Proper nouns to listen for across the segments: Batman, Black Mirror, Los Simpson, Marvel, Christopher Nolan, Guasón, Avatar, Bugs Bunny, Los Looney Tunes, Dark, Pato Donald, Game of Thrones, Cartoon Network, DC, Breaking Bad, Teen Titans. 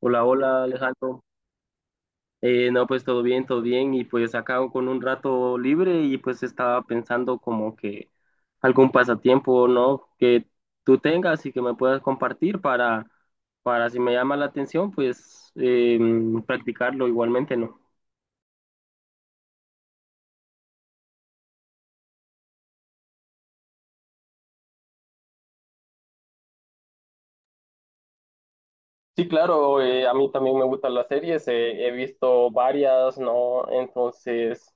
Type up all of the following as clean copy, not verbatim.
Hola, hola Alejandro. No, pues todo bien, todo bien. Y pues acá con un rato libre y pues estaba pensando como que algún pasatiempo, ¿no? Que tú tengas y que me puedas compartir para si me llama la atención, pues practicarlo igualmente, ¿no? Sí, claro, a mí también me gustan las series, he visto varias, ¿no? Entonces,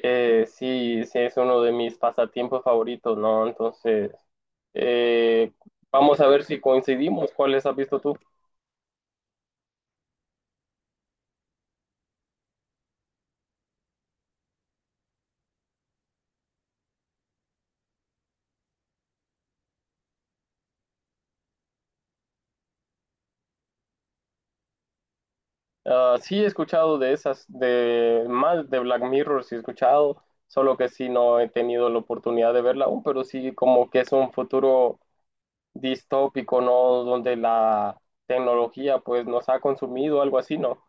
sí, es uno de mis pasatiempos favoritos, ¿no? Entonces, eh, vamos a ver si coincidimos. ¿Cuáles has visto tú? Ah, sí, he escuchado de esas, de más de Black Mirror, sí he escuchado, solo que sí no he tenido la oportunidad de verla aún, pero sí como que es un futuro distópico, ¿no? Donde la tecnología pues nos ha consumido, algo así, ¿no?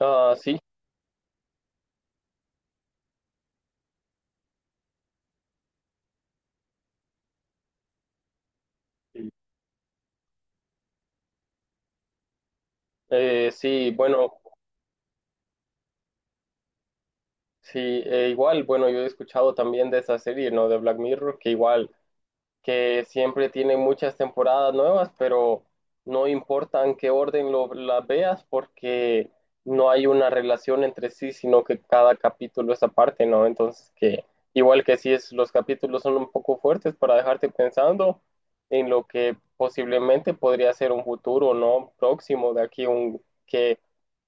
Ah, sí. Sí, bueno. Sí, igual, bueno, yo he escuchado también de esa serie, ¿no? De Black Mirror, que igual, que siempre tiene muchas temporadas nuevas, pero no importa en qué orden las veas, porque no hay una relación entre sí, sino que cada capítulo es aparte, ¿no? Entonces, que igual que sí es, los capítulos son un poco fuertes para dejarte pensando en lo que posiblemente podría ser un futuro, ¿no? Próximo, de aquí un, que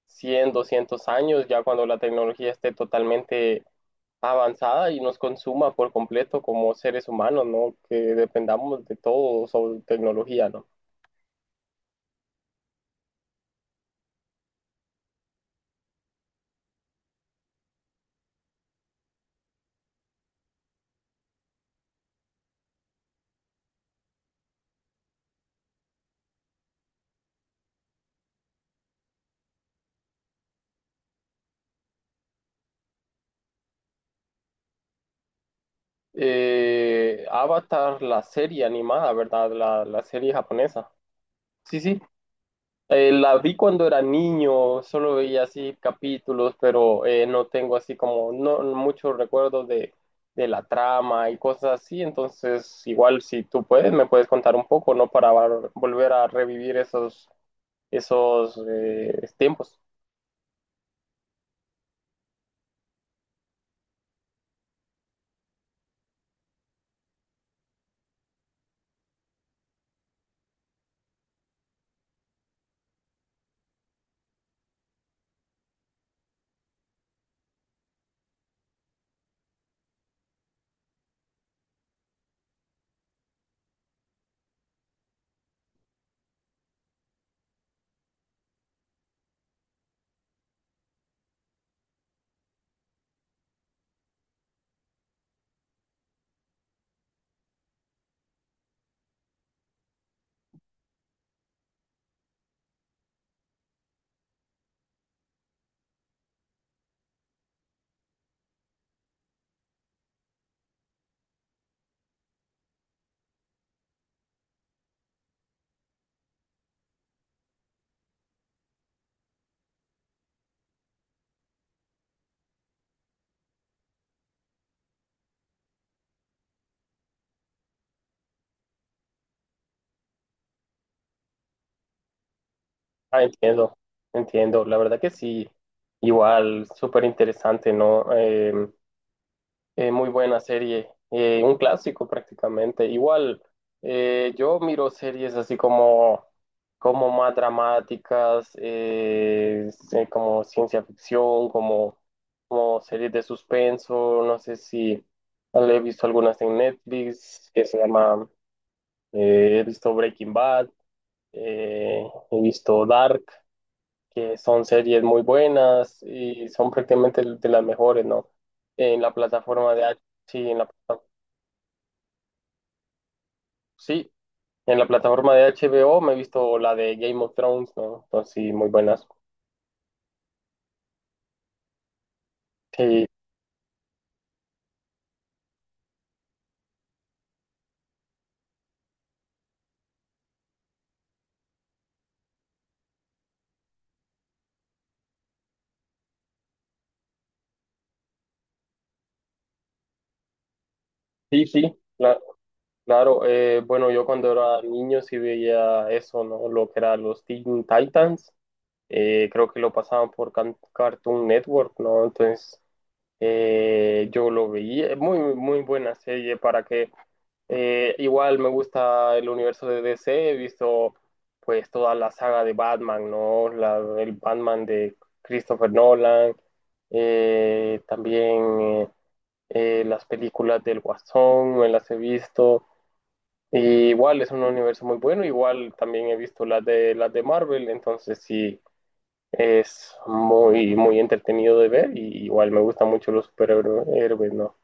100 200 años, ya cuando la tecnología esté totalmente avanzada y nos consuma por completo como seres humanos, ¿no? Que dependamos de todo sobre tecnología, ¿no? Avatar, la serie animada, ¿verdad? La serie japonesa. Sí, sí. La vi cuando era niño, solo veía así capítulos, pero no tengo así como no, muchos recuerdos de la trama y cosas así. Entonces, igual si tú puedes, me puedes contar un poco, ¿no? Para volver a revivir esos tiempos. Ah, entiendo, entiendo. La verdad que sí, igual, súper interesante, ¿no? Muy buena serie, un clásico prácticamente. Igual, yo miro series así como más dramáticas, sí, como ciencia ficción, como series de suspenso. No sé si he visto algunas en Netflix que se llama, he visto Breaking Bad, eh, he visto Dark que son series muy buenas y son prácticamente de las mejores, ¿no? En la plataforma de H sí, sí, en la plataforma de HBO me he visto la de Game of Thrones, ¿no? Entonces, sí, muy buenas. Sí, sí, claro. Eh, bueno, yo cuando era niño sí veía eso, ¿no? Lo que eran los Teen Titans. Eh, creo que lo pasaban por Cartoon Network, ¿no? Entonces, yo lo vi, muy buena serie para que igual me gusta el universo de DC, he visto pues toda la saga de Batman, ¿no? El Batman de Christopher Nolan, también las películas del Guasón, me las he visto. Y igual es un universo muy bueno, igual también he visto las de Marvel, entonces sí. Es muy entretenido de ver y igual me gustan mucho los superhéroes, ¿no?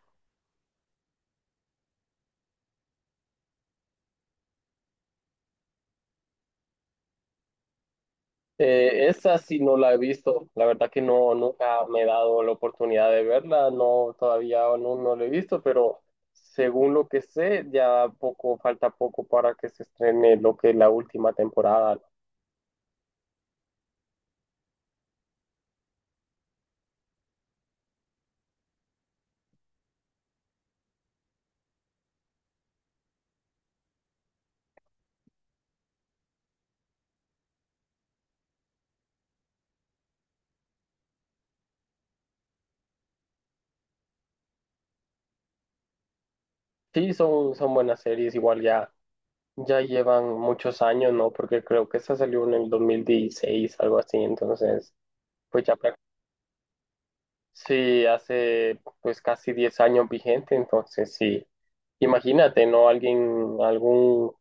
Esa sí no la he visto, la verdad que no, nunca me he dado la oportunidad de verla, no, todavía no, no la he visto, pero según lo que sé, ya poco, falta poco para que se estrene lo que es la última temporada, ¿no? Sí, son buenas series, igual ya, ya llevan muchos años, ¿no? Porque creo que esa salió en el 2016 algo así, entonces, pues ya. Sí, hace pues casi 10 años vigente, entonces sí, imagínate, ¿no? Alguien, algún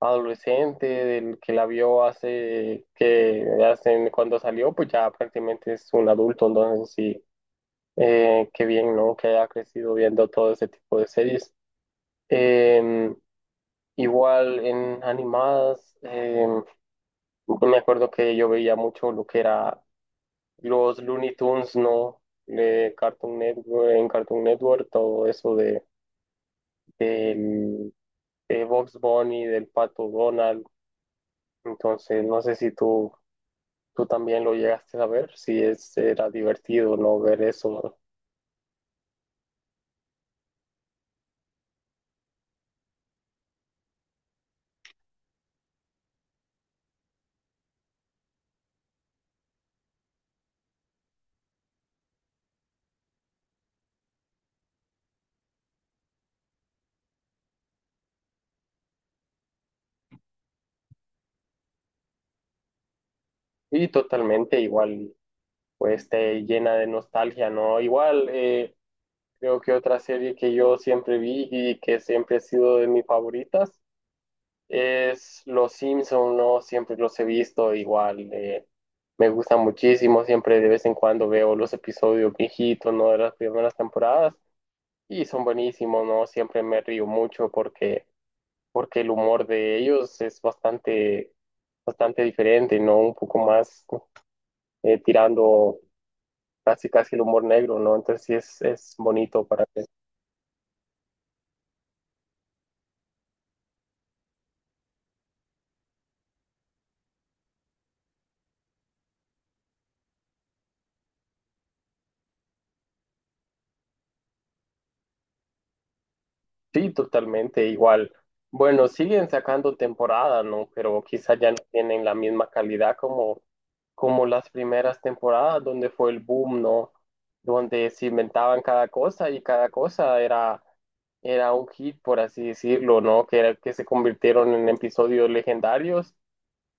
adolescente del que la vio hace cuando salió, pues ya prácticamente es un adulto, entonces sí, qué bien, ¿no? Que haya crecido viendo todo ese tipo de series. Em, Igual en animadas, me acuerdo que yo veía mucho lo que era. Los Looney Tunes, no, de Cartoon Network, en Cartoon Network, todo eso de, del de Bugs Bunny, del Pato Donald. Entonces, no sé si tú también lo llegaste a ver, si es, era divertido no ver eso. Y totalmente igual, pues te llena de nostalgia, ¿no? Igual, creo que otra serie que yo siempre vi y que siempre ha sido de mis favoritas es Los Simpson, ¿no? Siempre los he visto igual. Me gusta muchísimo. Siempre de vez en cuando veo los episodios viejitos, ¿no? De las primeras temporadas. Y son buenísimos, ¿no? Siempre me río mucho porque el humor de ellos es bastante diferente, ¿no? Un poco más tirando casi el humor negro, ¿no? Entonces sí es bonito para mí. Sí, totalmente igual. Bueno, siguen sacando temporada, ¿no? Pero quizás ya no tienen la misma calidad como las primeras temporadas, donde fue el boom, ¿no? Donde se inventaban cada cosa y cada cosa era un hit, por así decirlo, ¿no? Que se convirtieron en episodios legendarios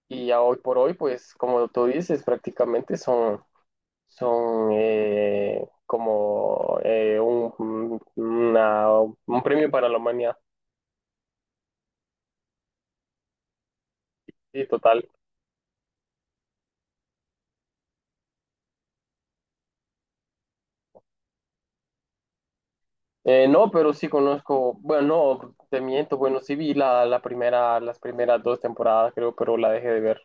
y ya hoy por hoy, pues como tú dices, prácticamente son un premio para la humanidad. Sí, total. No, pero sí conozco, bueno, no, te miento, bueno, sí vi la primera, las primeras dos temporadas, creo, pero la dejé de ver.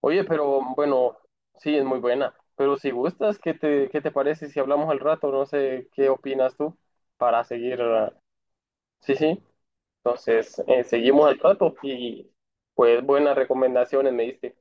Oye, pero bueno, sí, es muy buena. Pero si gustas, qué te parece si hablamos al rato? No sé, ¿qué opinas tú para seguir? Sí, sí. Entonces, seguimos al rato y pues buenas recomendaciones me diste.